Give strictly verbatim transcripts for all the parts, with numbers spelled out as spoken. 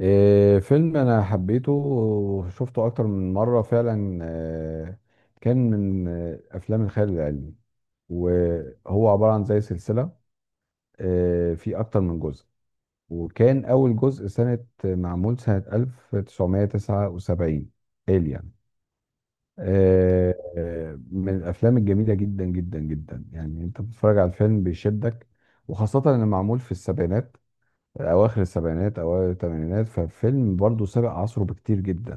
إيه، فيلم انا حبيته وشفته اكتر من مره فعلا آه، كان من آه، افلام الخيال العلمي، وهو عباره عن زي سلسله، آه، في اكتر من جزء. وكان اول جزء سنه آه، معمول سنه الف وتسعمية وتسعة وسبعين، الين. آه، آه، من الافلام الجميله جدا جدا جدا، يعني انت بتتفرج على الفيلم بيشدك، وخاصه انه معمول في السبعينات، اواخر السبعينات اوائل الثمانينات. ففيلم برضه سابق عصره بكتير جدا.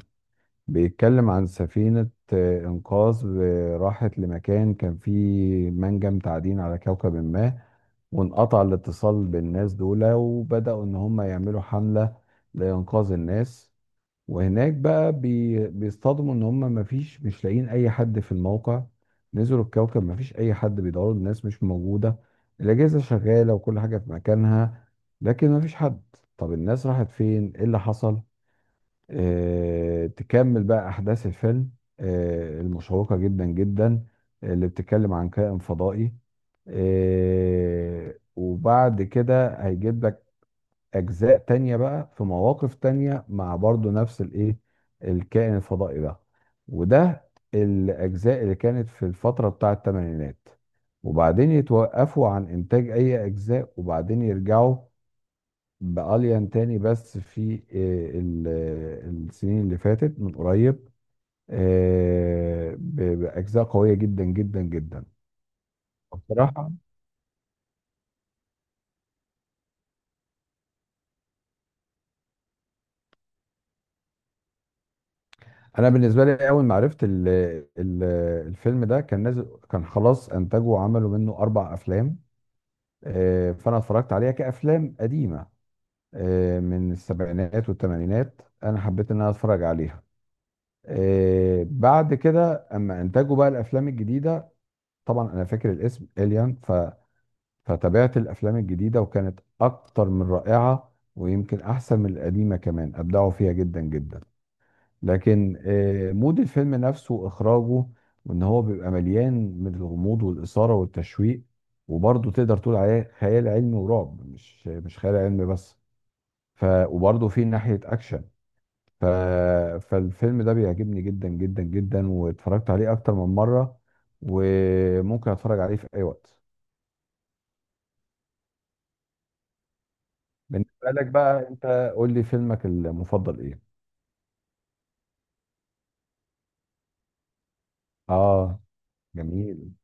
بيتكلم عن سفينة آه، انقاذ آه، راحت لمكان كان فيه منجم تعدين على كوكب ما، وانقطع الاتصال بالناس دول، وبدأوا ان هم يعملوا حملة لانقاذ الناس. وهناك بقى بي... بيصطدموا ان هم مفيش، مش لاقيين اي حد في الموقع. نزلوا الكوكب مفيش اي حد، بيدوروا الناس مش موجودة، الاجهزة شغالة وكل حاجة في مكانها، لكن مفيش حد. طب الناس راحت فين؟ ايه اللي حصل؟ آه... تكمل بقى احداث الفيلم آه... المشوقة جدا جدا، اللي بتتكلم عن كائن فضائي. آه... وبعد كده هيجيب لك اجزاء تانية بقى في مواقف تانية مع برضو نفس الايه، الكائن الفضائي ده. وده الاجزاء اللي كانت في الفترة بتاع الثمانينات. وبعدين يتوقفوا عن انتاج اي اجزاء، وبعدين يرجعوا بأليان تاني، بس في آه، ال- آه، السنين اللي فاتت من قريب، آه، ب- بأجزاء قوية جدا جدا جدا. بصراحة انا بالنسبه لي اول ما عرفت ال ال الفيلم ده كان نازل، كان خلاص انتجوا وعملوا منه اربع افلام. آه، فانا اتفرجت عليها كافلام قديمه، آه، من السبعينات والثمانينات، انا حبيت ان انا اتفرج عليها. آه، بعد كده اما انتجوا بقى الافلام الجديده، طبعا انا فاكر الاسم اليان، ف- فتابعت الافلام الجديده، وكانت اكتر من رائعه، ويمكن احسن من القديمه كمان، ابدعوا فيها جدا جدا. لكن آه، مود الفيلم نفسه، اخراجه، وان هو بيبقى مليان من الغموض والاثاره والتشويق، وبرضه تقدر تقول عليه خيال علمي ورعب، مش مش خيال علمي بس، ف وبرضه في ناحيه اكشن. ف فالفيلم ده بيعجبني جدا جدا جدا، واتفرجت عليه اكتر من مره، وممكن اتفرج عليه في اي وقت. بالنسبه لك بقى انت قول لي فيلمك المفضل ايه؟ اه، جميل.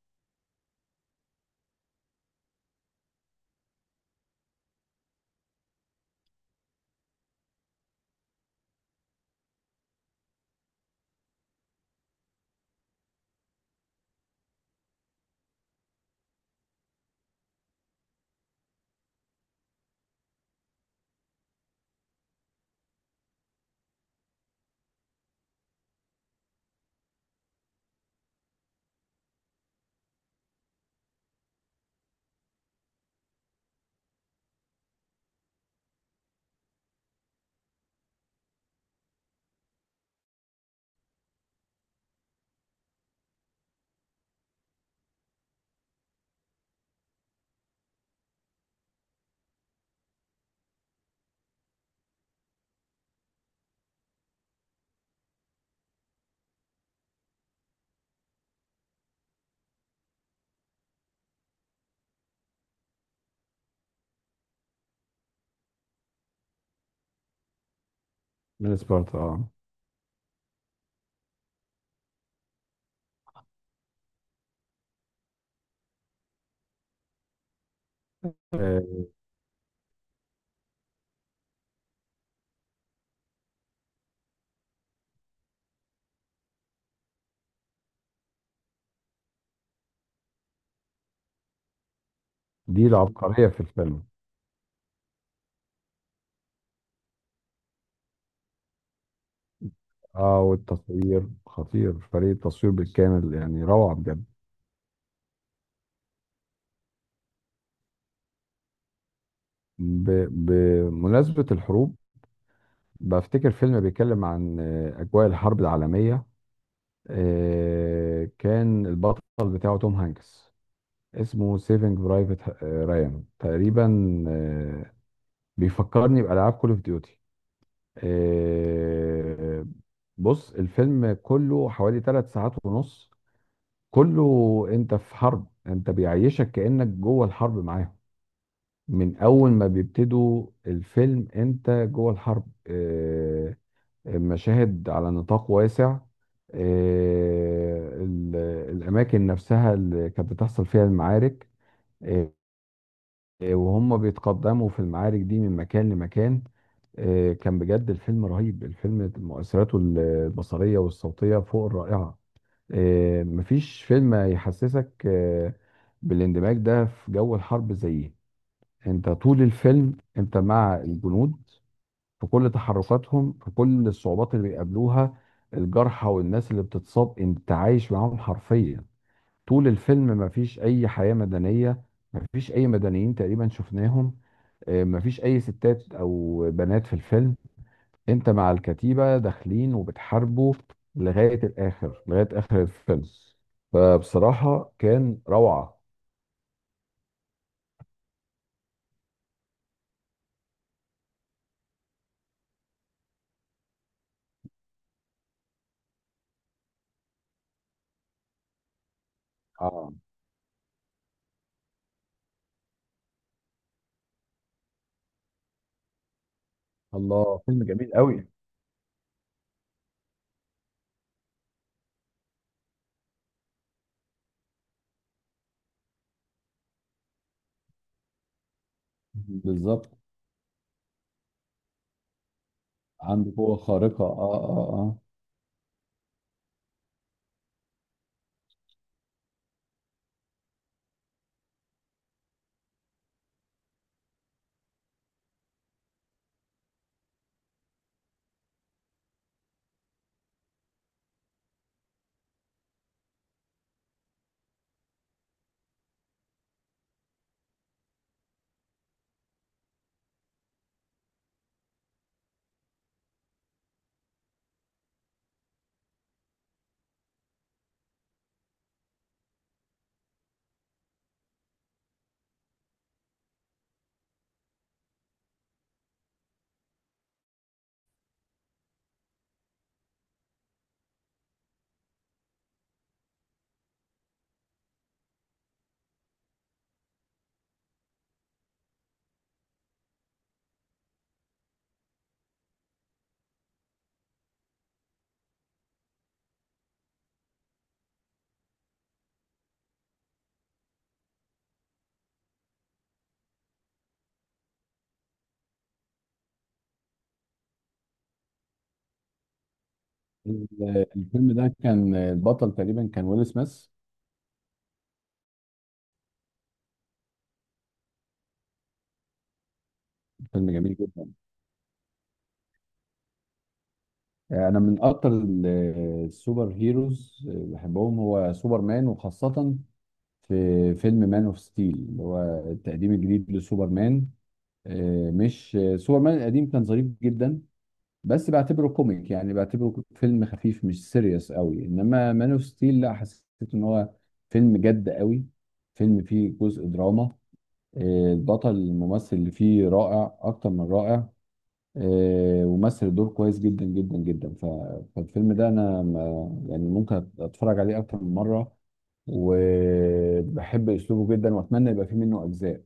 من سبارتا، اه. آه، دي العبقريه في الفيلم. اه، والتصوير خطير، فريق التصوير بالكامل يعني روعة بجد. ب- بمناسبة الحروب، بفتكر فيلم بيتكلم عن آه، أجواء الحرب العالمية. آه، كان البطل بتاعه توم هانكس، اسمه سيفنج برايفت رايان تقريبا. آه، بيفكرني بألعاب كول اوف ديوتي. بص الفيلم كله حوالي ثلاث ساعات ونص، كله انت في حرب، انت بيعيشك كأنك جوه الحرب معاهم. من اول ما بيبتدوا الفيلم انت جوه الحرب. آه، المشاهد على نطاق واسع، آه، ال- الاماكن نفسها اللي كانت بتحصل فيها المعارك، آه، وهم بيتقدموا في المعارك دي من مكان لمكان. آه، كان بجد الفيلم رهيب، الفيلم مؤثراته البصرية والصوتية فوق الرائعة. آه، مفيش فيلم يحسسك آه، بالاندماج ده في جو الحرب زيه. انت طول الفيلم انت مع الجنود، في كل تحركاتهم، في كل الصعوبات اللي بيقابلوها، الجرحى والناس اللي بتتصاب، انت عايش معاهم حرفيا. طول الفيلم مفيش اي حياة مدنية، مفيش اي مدنيين تقريبا شفناهم. اه، مفيش اي ستات او بنات في الفيلم، انت مع الكتيبة داخلين وبتحاربوا لغاية الاخر، لغاية اخر الفيلم. فبصراحة كان روعة. اه، الله، فيلم جميل قوي. بالظبط، عنده قوة خارقة، اه اه اه ال- الفيلم ده كان البطل تقريبا كان ويل سميث. فيلم جميل جدا. يعني انا من اكتر ال- السوبر هيروز اللي بحبهم هو سوبر مان، وخاصة في فيلم مان اوف ستيل، اللي هو التقديم الجديد لسوبر مان. آه، مش سوبر مان القديم كان ظريف جدا، بس بعتبره كوميك، يعني بعتبره فيلم خفيف مش سيريس قوي. انما مان اوف ستيل لا، حسيت ان هو فيلم جد قوي، فيلم فيه جزء دراما. آه، البطل، الممثل اللي فيه، رائع اكتر من رائع. آه، ومثل الدور كويس جدا جدا جدا. ف- فالفيلم ده انا ما- يعني ممكن اتفرج عليه اكتر من مره، وبحب اسلوبه جدا، واتمنى يبقى فيه منه اجزاء.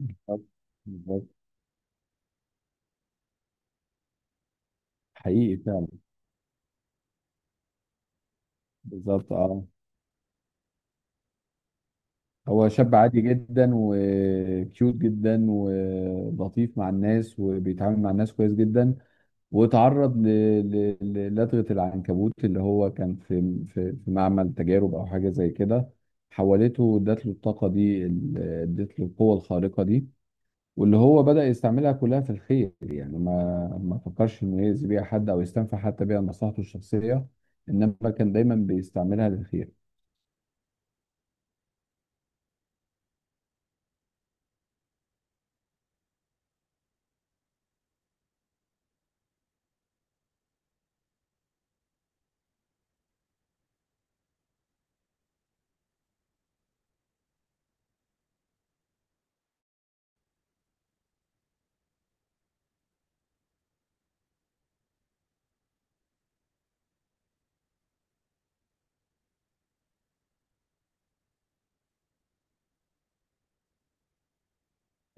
بالظبط. بالظبط. حقيقي فعلا. بالظبط، اه. هو شاب عادي جدا، وكيوت جدا، ولطيف مع الناس، وبيتعامل مع الناس كويس جدا. واتعرض ل- ل- ل- لدغة العنكبوت، اللي هو كان في في في معمل تجارب أو حاجة زي كده، حولته، ادت له الطاقة دي، ال- ادت له القوة الخارقة دي، واللي هو بدأ يستعملها كلها في الخير. يعني ما ما فكرش إنه يأذي بيها حد، أو يستنفع حتى بيها مصلحته الشخصية، إنما كان دايما بيستعملها للخير.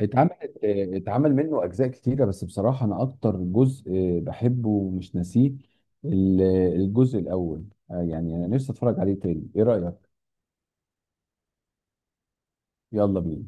اتعملت اتعمل منه اجزاء كتيره، بس بصراحه انا اكتر جزء آه، بحبه ومش ناسيه ال- الجزء الاول. آه، يعني انا نفسي اتفرج عليه تاني، ايه رايك؟ يلا بينا.